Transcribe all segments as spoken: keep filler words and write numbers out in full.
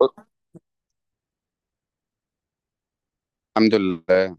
بص، الحمد لله.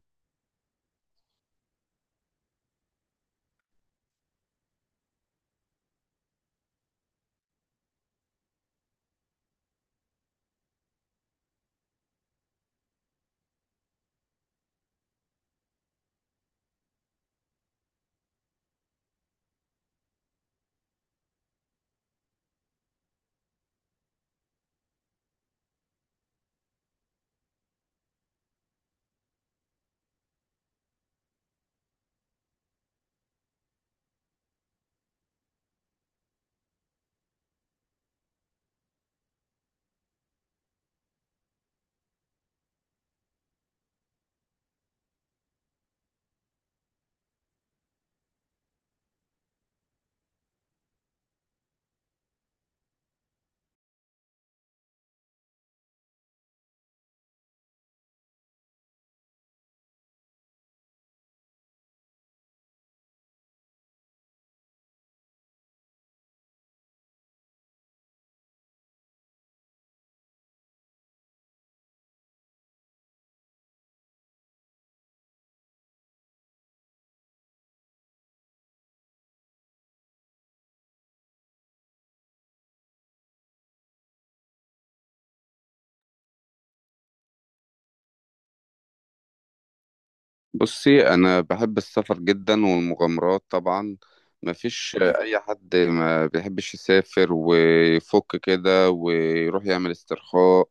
بصي، انا بحب السفر جدا والمغامرات طبعا. مفيش اي حد ما بيحبش يسافر ويفك كده ويروح يعمل استرخاء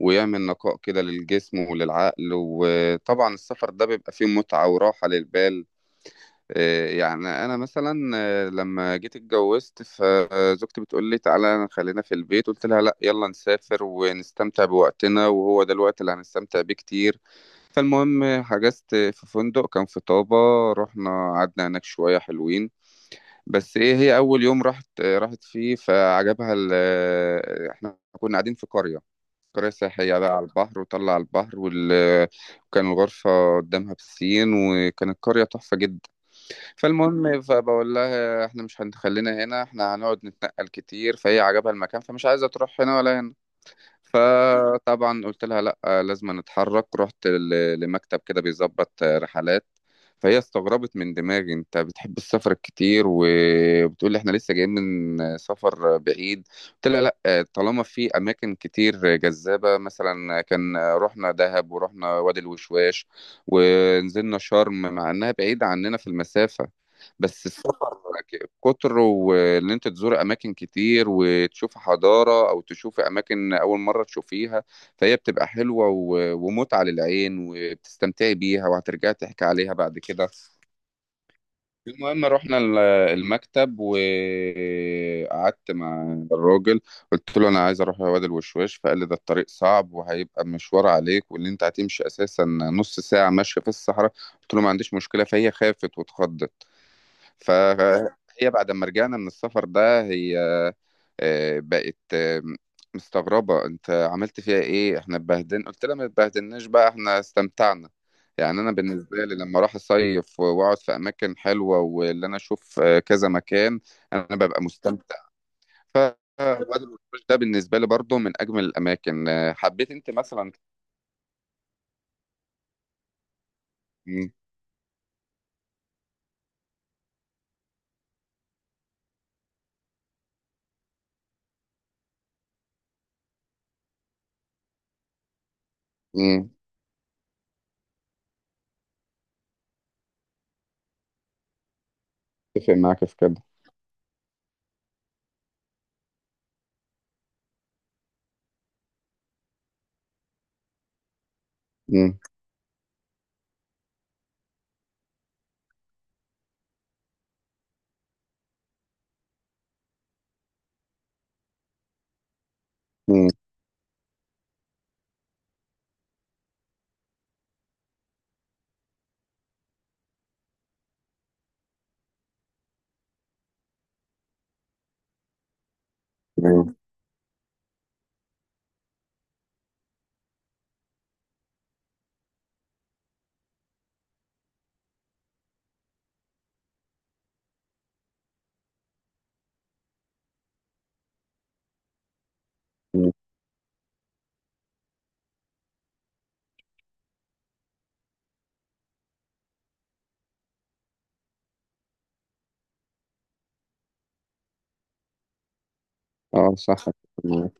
ويعمل نقاء كده للجسم وللعقل. وطبعا السفر ده بيبقى فيه متعة وراحة للبال. إيه يعني انا مثلا آه، لما جيت اتجوزت، فزوجتي بتقول لي تعالى خلينا في البيت، قلت لها لا، يلا نسافر ونستمتع بوقتنا وهو ده الوقت اللي هنستمتع بيه كتير. فالمهم حجزت في فندق كان في طابة، رحنا قعدنا هناك شوية حلوين. بس ايه، هي اول يوم راحت راحت فيه فعجبها ال- احنا كنا قاعدين في قرية، قرية سياحية بقى على البحر وطلع على البحر وال... وكان الغرفة قدامها بسين، وكانت قرية تحفة جدا. فالمهم فبقول لها احنا مش هنخلينا هنا، احنا هنقعد نتنقل كتير. فهي عجبها المكان فمش عايزة تروح هنا ولا هنا. فطبعا قلت لها لا، لازم نتحرك. رحت ل- لمكتب كده بيظبط رحلات. فهي استغربت من دماغي: انت بتحب السفر كتير وبتقول لي احنا لسه جايين من سفر بعيد؟ قلت لها لا، طالما في اماكن كتير جذابه. مثلا كان رحنا دهب ورحنا وادي الوشواش ونزلنا شرم، مع انها بعيده عننا في المسافه. بس السفر كتر وان انت تزور اماكن كتير وتشوف حضاره او تشوف اماكن اول مره تشوفيها، فهي بتبقى حلوه و- ومتعه للعين وبتستمتعي بيها وهترجعي تحكي عليها بعد كده. المهم رحنا ال- المكتب وقعدت مع الراجل. قلت له انا عايز اروح وادي الوشواش. فقال لي ده الطريق صعب وهيبقى مشوار عليك، واللي انت هتمشي اساسا نص ساعه ماشيه في الصحراء. قلت له ما عنديش مشكله. فهي خافت واتخضت. فهي بعد ما رجعنا من السفر ده هي آه، بقت آه، مستغربة: انت عملت فيها ايه؟ احنا اتبهدلنا. قلت لها ما اتبهدلناش بقى، احنا استمتعنا. يعني انا بالنسبة لي لما اروح اصيف واقعد في اماكن حلوة واللي انا اشوف آه، كذا مكان، انا ببقى مستمتع. ف وادي الوشواش ده بالنسبة لي برضه من اجمل الاماكن. آه، حبيت انت مثلا. مم. مم. اتفق معاك في كده. مم. مم. مم. مم. اه، صح، أتفق معاك.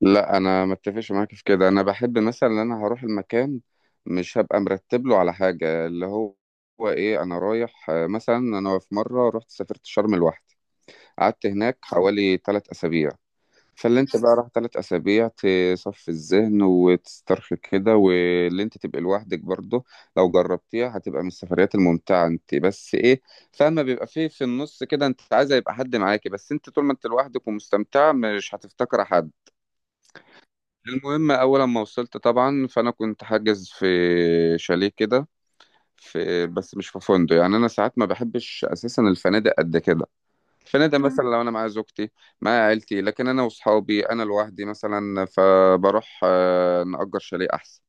لا، انا ما اتفقش معاك في كده. انا بحب مثلا ان انا هروح المكان، مش هبقى مرتب له على حاجه اللي هو هو ايه انا رايح. آه، مثلا انا في مره رحت سافرت شرم لوحدي. قعدت هناك حوالي ثلاث اسابيع. فاللي انت بقى راح ثلاث اسابيع تصفي الذهن وتسترخي كده، واللي انت تبقى لوحدك برضه لو جربتيها هتبقى من السفريات الممتعه. انت بس ايه فاهمه، بيبقى فيه في النص كده انت عايزه يبقى حد معاكي، بس انت طول ما انت لوحدك ومستمتعه مش هتفتكر حد. المهم اول ما وصلت طبعا فانا كنت حاجز في شاليه كده، في، بس مش في فندق. يعني انا ساعات ما بحبش اساسا الفنادق قد كده. الفنادق مم. مثلا لو انا مع زوجتي، مع عيلتي. لكن انا واصحابي انا لوحدي مثلا فبروح آه، نأجر شاليه احسن.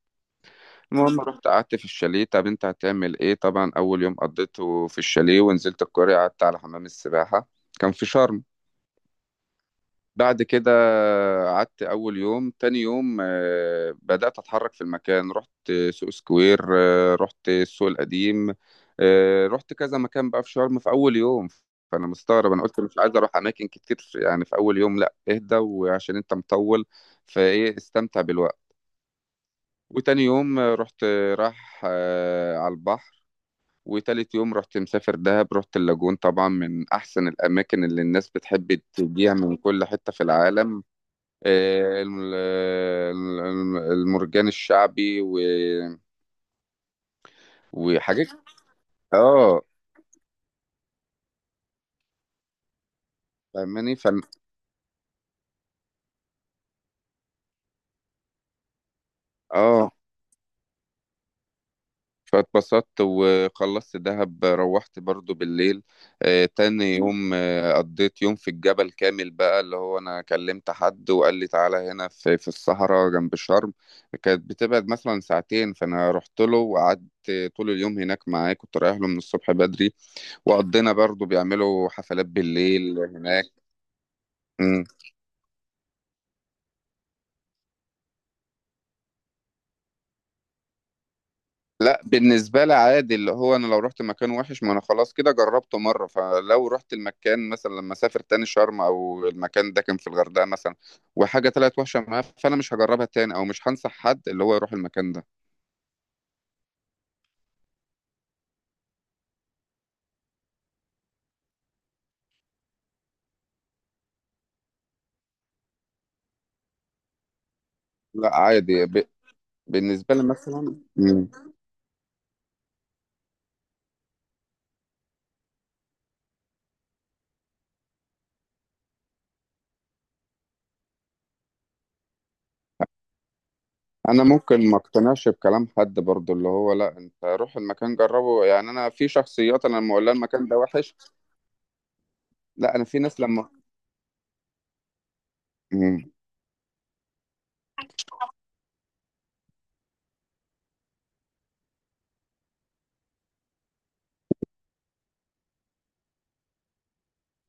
المهم رحت قعدت في الشاليه. طب انت هتعمل ايه؟ طبعا اول يوم قضيته في الشاليه ونزلت القرية قعدت على حمام السباحة، كان في شرم. بعد كده قعدت أول يوم. تاني يوم آه، بدأت أتحرك في المكان، رحت سوق سكوير، آه، رحت السوق القديم، آه، رحت كذا مكان بقى في شرم في أول يوم. فأنا مستغرب، أنا قلت مش عايز أروح أماكن كتير يعني في أول يوم، لأ اهدى وعشان أنت مطول فإيه استمتع بالوقت. وتاني يوم آه، رحت آه، راح آه، على البحر. وتالت يوم رحت مسافر دهب، رحت اللاجون، طبعا من أحسن الأماكن اللي الناس بتحب تجيها من كل حتة في العالم. آه، الم- الم- الم- المرجان الشعبي و... وحاجات. اه. فاهماني. فن اه. فاتبسطت وخلصت دهب، روحت برضو بالليل. آه تاني يوم آه قضيت يوم في الجبل كامل بقى، اللي هو انا كلمت حد وقال لي تعالى هنا في, في الصحراء جنب شرم. كانت بتبعد مثلا ساعتين، فانا رحت له وقعدت طول اليوم هناك معاه، كنت رايح له من الصبح بدري. وقضينا، برضو بيعملوا حفلات بالليل هناك. لا بالنسبة لي عادي، اللي هو أنا لو رحت مكان وحش، ما أنا خلاص كده جربته مرة. فلو رحت المكان مثلا لما أسافر تاني شرم أو المكان ده كان في الغردقة مثلا وحاجة طلعت وحشة معاه، فأنا مش هجربها تاني أو مش هنصح حد اللي هو يروح المكان ده. لا عادي. ب... بالنسبة لي مثلا. مم. أنا ممكن ما اقتنعش بكلام حد برضو، اللي هو لا، أنت روح المكان جربه. يعني أنا في شخصيات أنا لما أقول لها المكان ده وحش. لا، أنا في ناس لما. مم.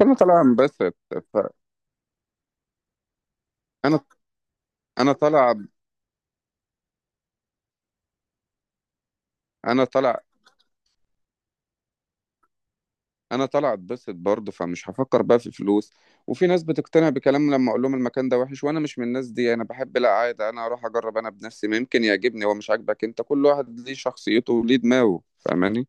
أنا طالع انبسط. ف... أنا أنا طالع أنا طالع انا طالع اتبسط برضه فمش هفكر بقى في الفلوس. وفي ناس بتقتنع بكلام لما اقول لهم المكان ده وحش، وانا مش من الناس دي. انا بحب، لا عادي انا اروح اجرب انا بنفسي ممكن يعجبني. هو مش عاجبك انت؟ كل واحد ليه شخصيته وليه دماغه. فاهماني؟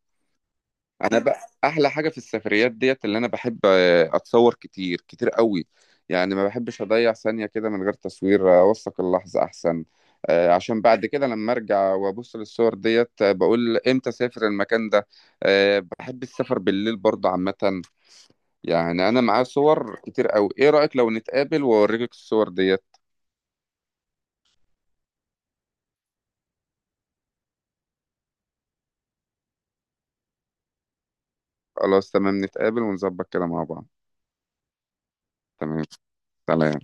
انا بقى احلى حاجه في السفريات ديت اللي انا بحب آه، اتصور كتير كتير قوي. يعني ما بحبش اضيع ثانيه كده من غير تصوير، اوثق اللحظه احسن. آه، عشان بعد كده لما ارجع وابص للصور ديت آه، بقول امتى اسافر المكان ده. آه، بحب السفر بالليل برضه عامة. يعني انا معايا صور كتير قوي. ايه رأيك لو نتقابل واوريك الصور ديت؟ خلاص تمام، نتقابل ونظبط كده مع بعض. تمام. سلام.